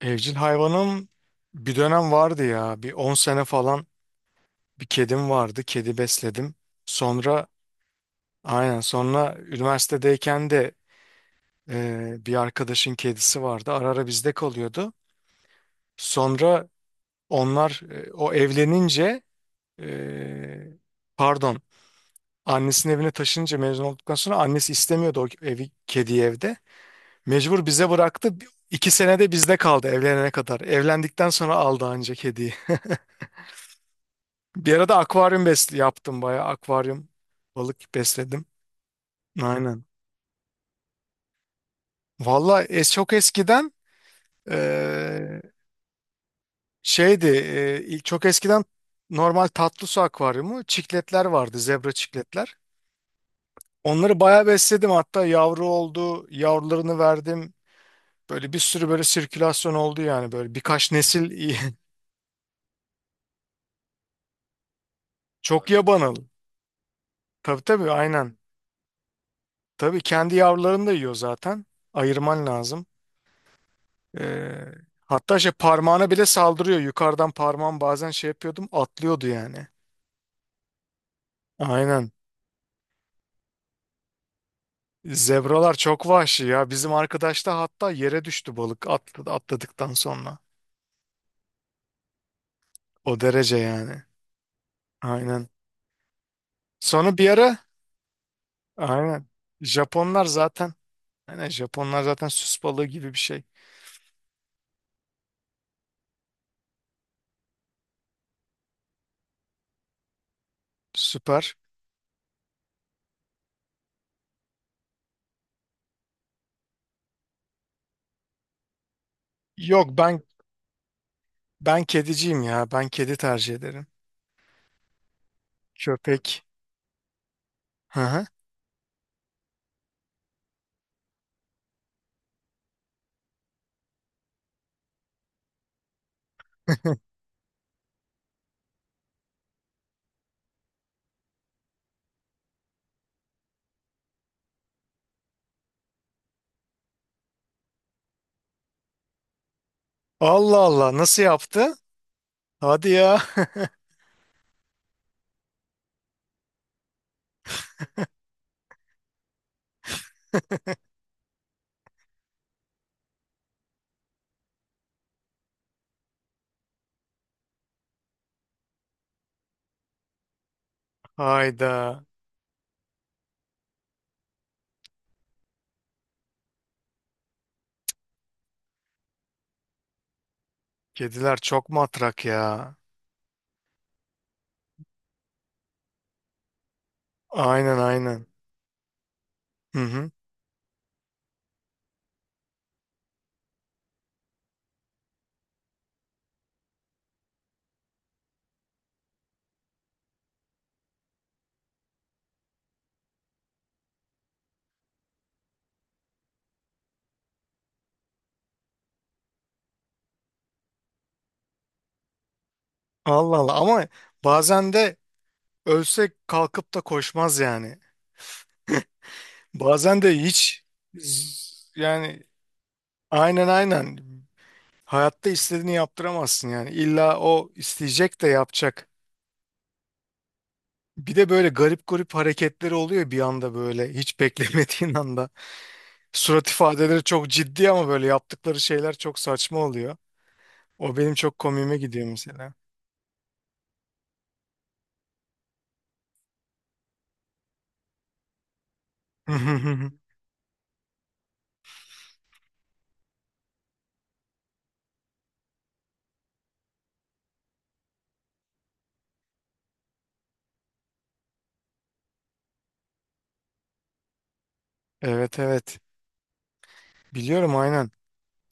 Evcil hayvanım bir dönem vardı ya. Bir 10 sene falan bir kedim vardı. Kedi besledim. Sonra. Aynen, sonra üniversitedeyken de, bir arkadaşın kedisi vardı. Ara ara bizde kalıyordu. Sonra o evlenince, e, pardon annesinin evine taşınınca, mezun olduktan sonra annesi istemiyordu o evi kediyi evde. Mecbur bize bıraktı. İki senede bizde kaldı evlenene kadar. Evlendikten sonra aldı ancak kediyi. Bir arada akvaryum besli yaptım, bayağı akvaryum balık besledim. Aynen. Valla çok eskiden, eee, şeydi, çok eskiden normal tatlı su akvaryumu, çikletler vardı, zebra çikletler. Onları bayağı besledim, hatta yavru oldu, yavrularını verdim. Böyle bir sürü, böyle sirkülasyon oldu yani, böyle birkaç nesil iyi. Çok yabanalı. Tabii tabii, aynen. Tabii kendi yavrularını da yiyor zaten. Ayırman lazım. Ee, hatta şey parmağına bile saldırıyor. Yukarıdan parmağım bazen şey yapıyordum, atlıyordu yani. Aynen. Zebralar çok vahşi ya. Bizim arkadaş da hatta yere düştü balık, atladı, atladıktan sonra. O derece yani. Aynen. Sonra bir ara, aynen. Japonlar zaten aynen, Japonlar zaten süs balığı gibi bir şey. Süper. Yok, ben kediciyim ya. Ben kedi tercih ederim. Köpek. Hı hı. Allah Allah, nasıl yaptı? Hadi ya. Hayda. Kediler çok matrak ya. Aynen aynen. Hı hı. Allah Allah, ama bazen de ölse kalkıp da koşmaz yani. Bazen de hiç, yani, aynen aynen. Hayatta istediğini yaptıramazsın yani. İlla o isteyecek de yapacak. Bir de böyle garip garip hareketleri oluyor bir anda, böyle hiç beklemediğin anda. Surat ifadeleri çok ciddi, ama böyle yaptıkları şeyler çok saçma oluyor. O benim çok komiğime gidiyor mesela. Evet evet. Biliyorum, aynen.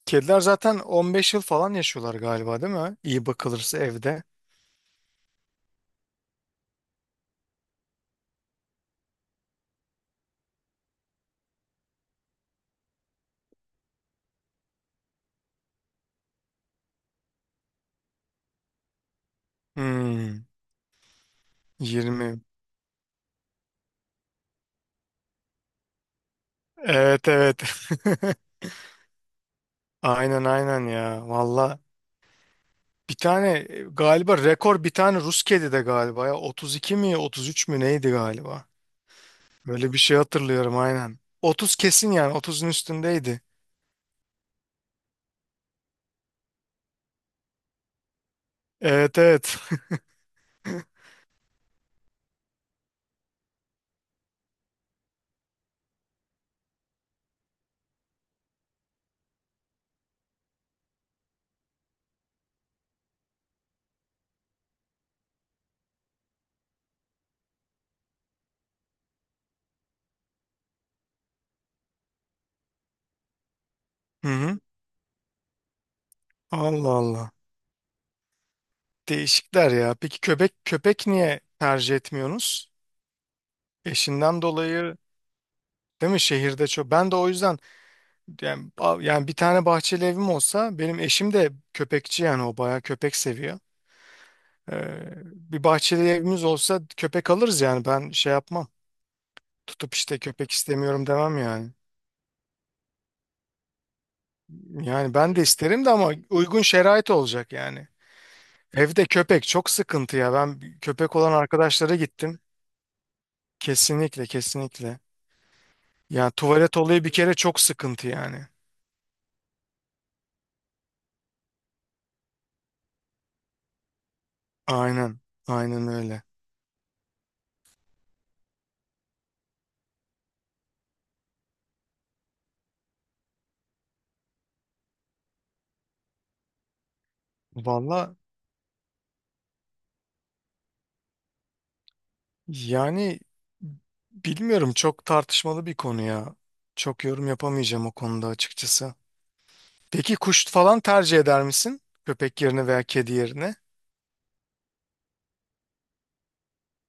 Kediler zaten 15 yıl falan yaşıyorlar galiba, değil mi? İyi bakılırsa evde. Hmm, 20. Evet evet. Aynen aynen ya. Valla bir tane, galiba rekor bir tane Rus kedi de galiba ya. 32 mi 33 mü neydi galiba. Böyle bir şey hatırlıyorum, aynen. 30 kesin yani, 30'un üstündeydi. Evet evet. Hı hı. Allah Allah. Değişikler ya. Peki köpek niye tercih etmiyorsunuz? Eşinden dolayı? Değil mi? Şehirde çok. Ben de o yüzden yani, yani, bir tane bahçeli evim olsa, benim eşim de köpekçi yani, o bayağı köpek seviyor. Bir bahçeli evimiz olsa köpek alırız yani, ben şey yapmam. Tutup işte köpek istemiyorum demem yani. Yani ben de isterim de, ama uygun şerait olacak yani. Evde köpek çok sıkıntı ya. Ben köpek olan arkadaşlara gittim. Kesinlikle kesinlikle. Yani tuvalet olayı bir kere çok sıkıntı yani. Aynen. Aynen öyle. Vallahi. Yani, bilmiyorum, çok tartışmalı bir konu ya. Çok yorum yapamayacağım o konuda, açıkçası. Peki kuş falan tercih eder misin? Köpek yerine veya kedi yerine?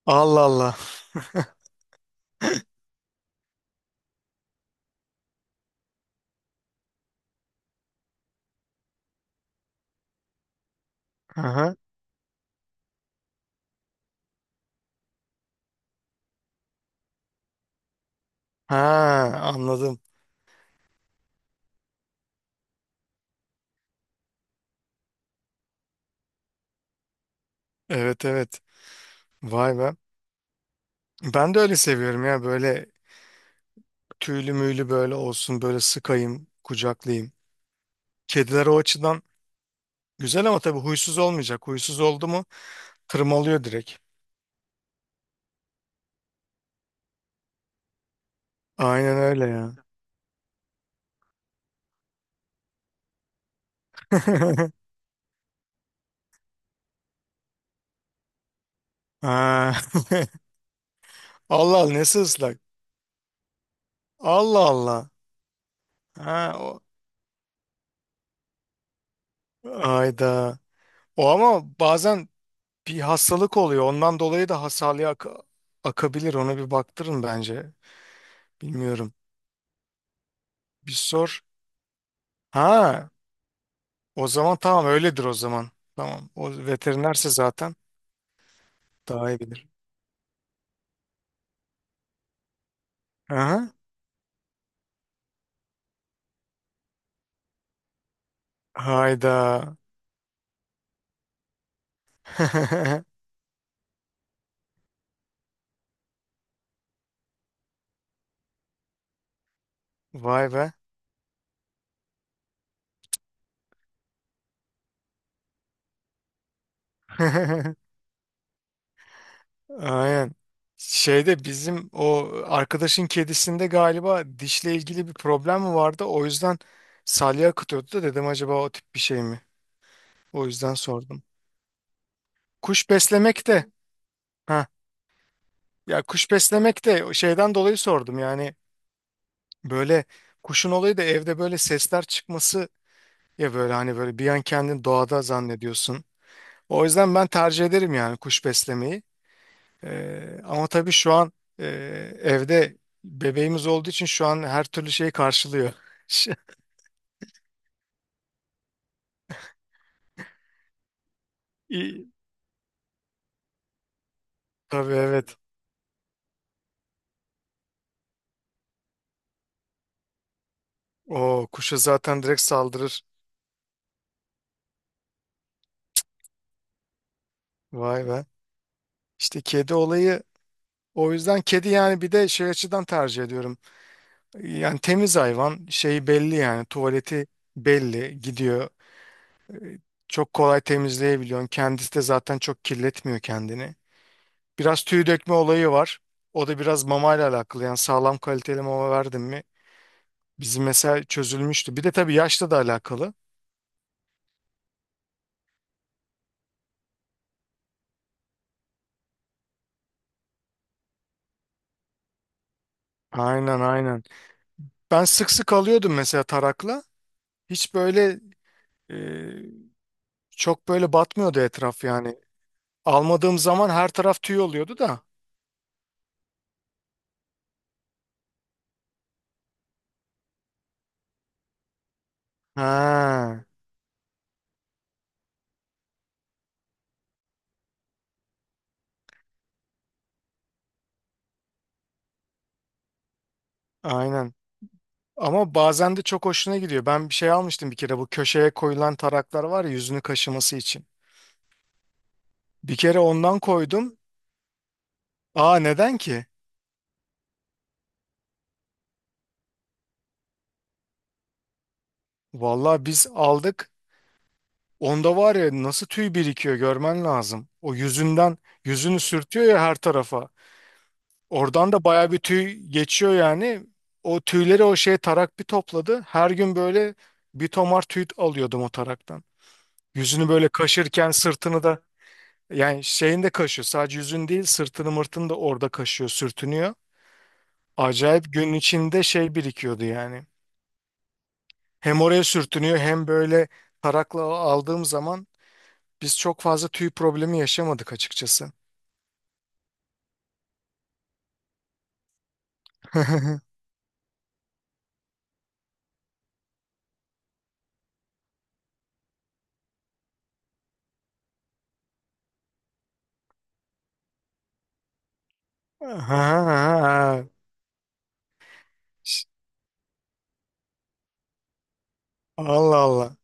Allah Allah. Aha. Ha, anladım. Evet evet. Vay be. Ben de öyle seviyorum ya, böyle tüylü müylü böyle olsun, böyle sıkayım kucaklayayım. Kediler o açıdan güzel, ama tabii huysuz olmayacak. Huysuz oldu mu tırmalıyor direkt. Aynen öyle ya. Ha. Allah Allah, nesi ıslak? Allah Allah. Ha, o, ayda. O ama bazen bir hastalık oluyor, ondan dolayı da hasarlıya akabilir. Ona bir baktırın bence. Bilmiyorum. Bir sor. Ha, o zaman tamam, öyledir o zaman. Tamam. O veterinerse zaten daha iyi bilir. Aha. Hayda. Vay be. Aynen. Şeyde, bizim o arkadaşın kedisinde galiba dişle ilgili bir problem mi vardı? O yüzden salya akıtıyordu da, dedim acaba o tip bir şey mi? O yüzden sordum. Kuş beslemek de, ha, ya kuş beslemek de o şeyden dolayı sordum. Yani, böyle kuşun olayı da evde böyle sesler çıkması, ya böyle hani böyle bir an kendini doğada zannediyorsun. O yüzden ben tercih ederim yani, kuş beslemeyi. Ama tabii şu an, e, evde bebeğimiz olduğu için şu an her türlü şeyi karşılıyor. İyi. Tabii, evet. O kuşa zaten direkt saldırır. Vay be. İşte kedi olayı, o yüzden kedi yani, bir de şey açıdan tercih ediyorum. Yani temiz hayvan, şeyi belli yani, tuvaleti belli gidiyor. Çok kolay temizleyebiliyorsun. Kendisi de zaten çok kirletmiyor kendini. Biraz tüy dökme olayı var. O da biraz mamayla alakalı. Yani sağlam kaliteli mama verdim mi, bizim mesela çözülmüştü. Bir de tabii yaşla da alakalı. Aynen aynen. Ben sık sık alıyordum mesela tarakla. Hiç böyle, e, çok böyle batmıyordu etraf yani. Almadığım zaman her taraf tüy oluyordu da. Ha, aynen. Ama bazen de çok hoşuna gidiyor. Ben bir şey almıştım bir kere, bu köşeye koyulan taraklar var ya, yüzünü kaşıması için. Bir kere ondan koydum. Aa, neden ki? Vallahi biz aldık. Onda var ya, nasıl tüy birikiyor görmen lazım. O yüzünden yüzünü sürtüyor ya her tarafa. Oradan da baya bir tüy geçiyor yani. O tüyleri o şey tarak bir topladı. Her gün böyle bir tomar tüy alıyordum o taraktan. Yüzünü böyle kaşırken sırtını da, yani şeyini de kaşıyor. Sadece yüzün değil, sırtını mırtını da orada kaşıyor, sürtünüyor. Acayip gün içinde şey birikiyordu yani. Hem oraya sürtünüyor, hem böyle tarakla aldığım zaman biz çok fazla tüy problemi yaşamadık açıkçası. Ha, ş- Allah Allah.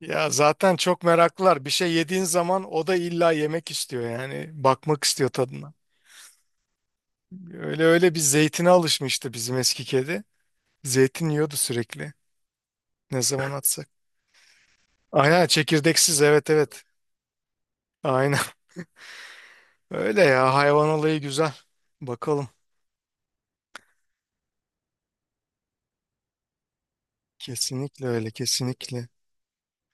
Ya zaten çok meraklılar. Bir şey yediğin zaman o da illa yemek istiyor yani. Bakmak istiyor tadına. Öyle, öyle bir zeytine alışmıştı bizim eski kedi. Zeytin yiyordu sürekli. Ne zaman atsak. Aynen, çekirdeksiz, evet evet. Aynen. Öyle ya, hayvan olayı güzel. Bakalım. Kesinlikle öyle, kesinlikle.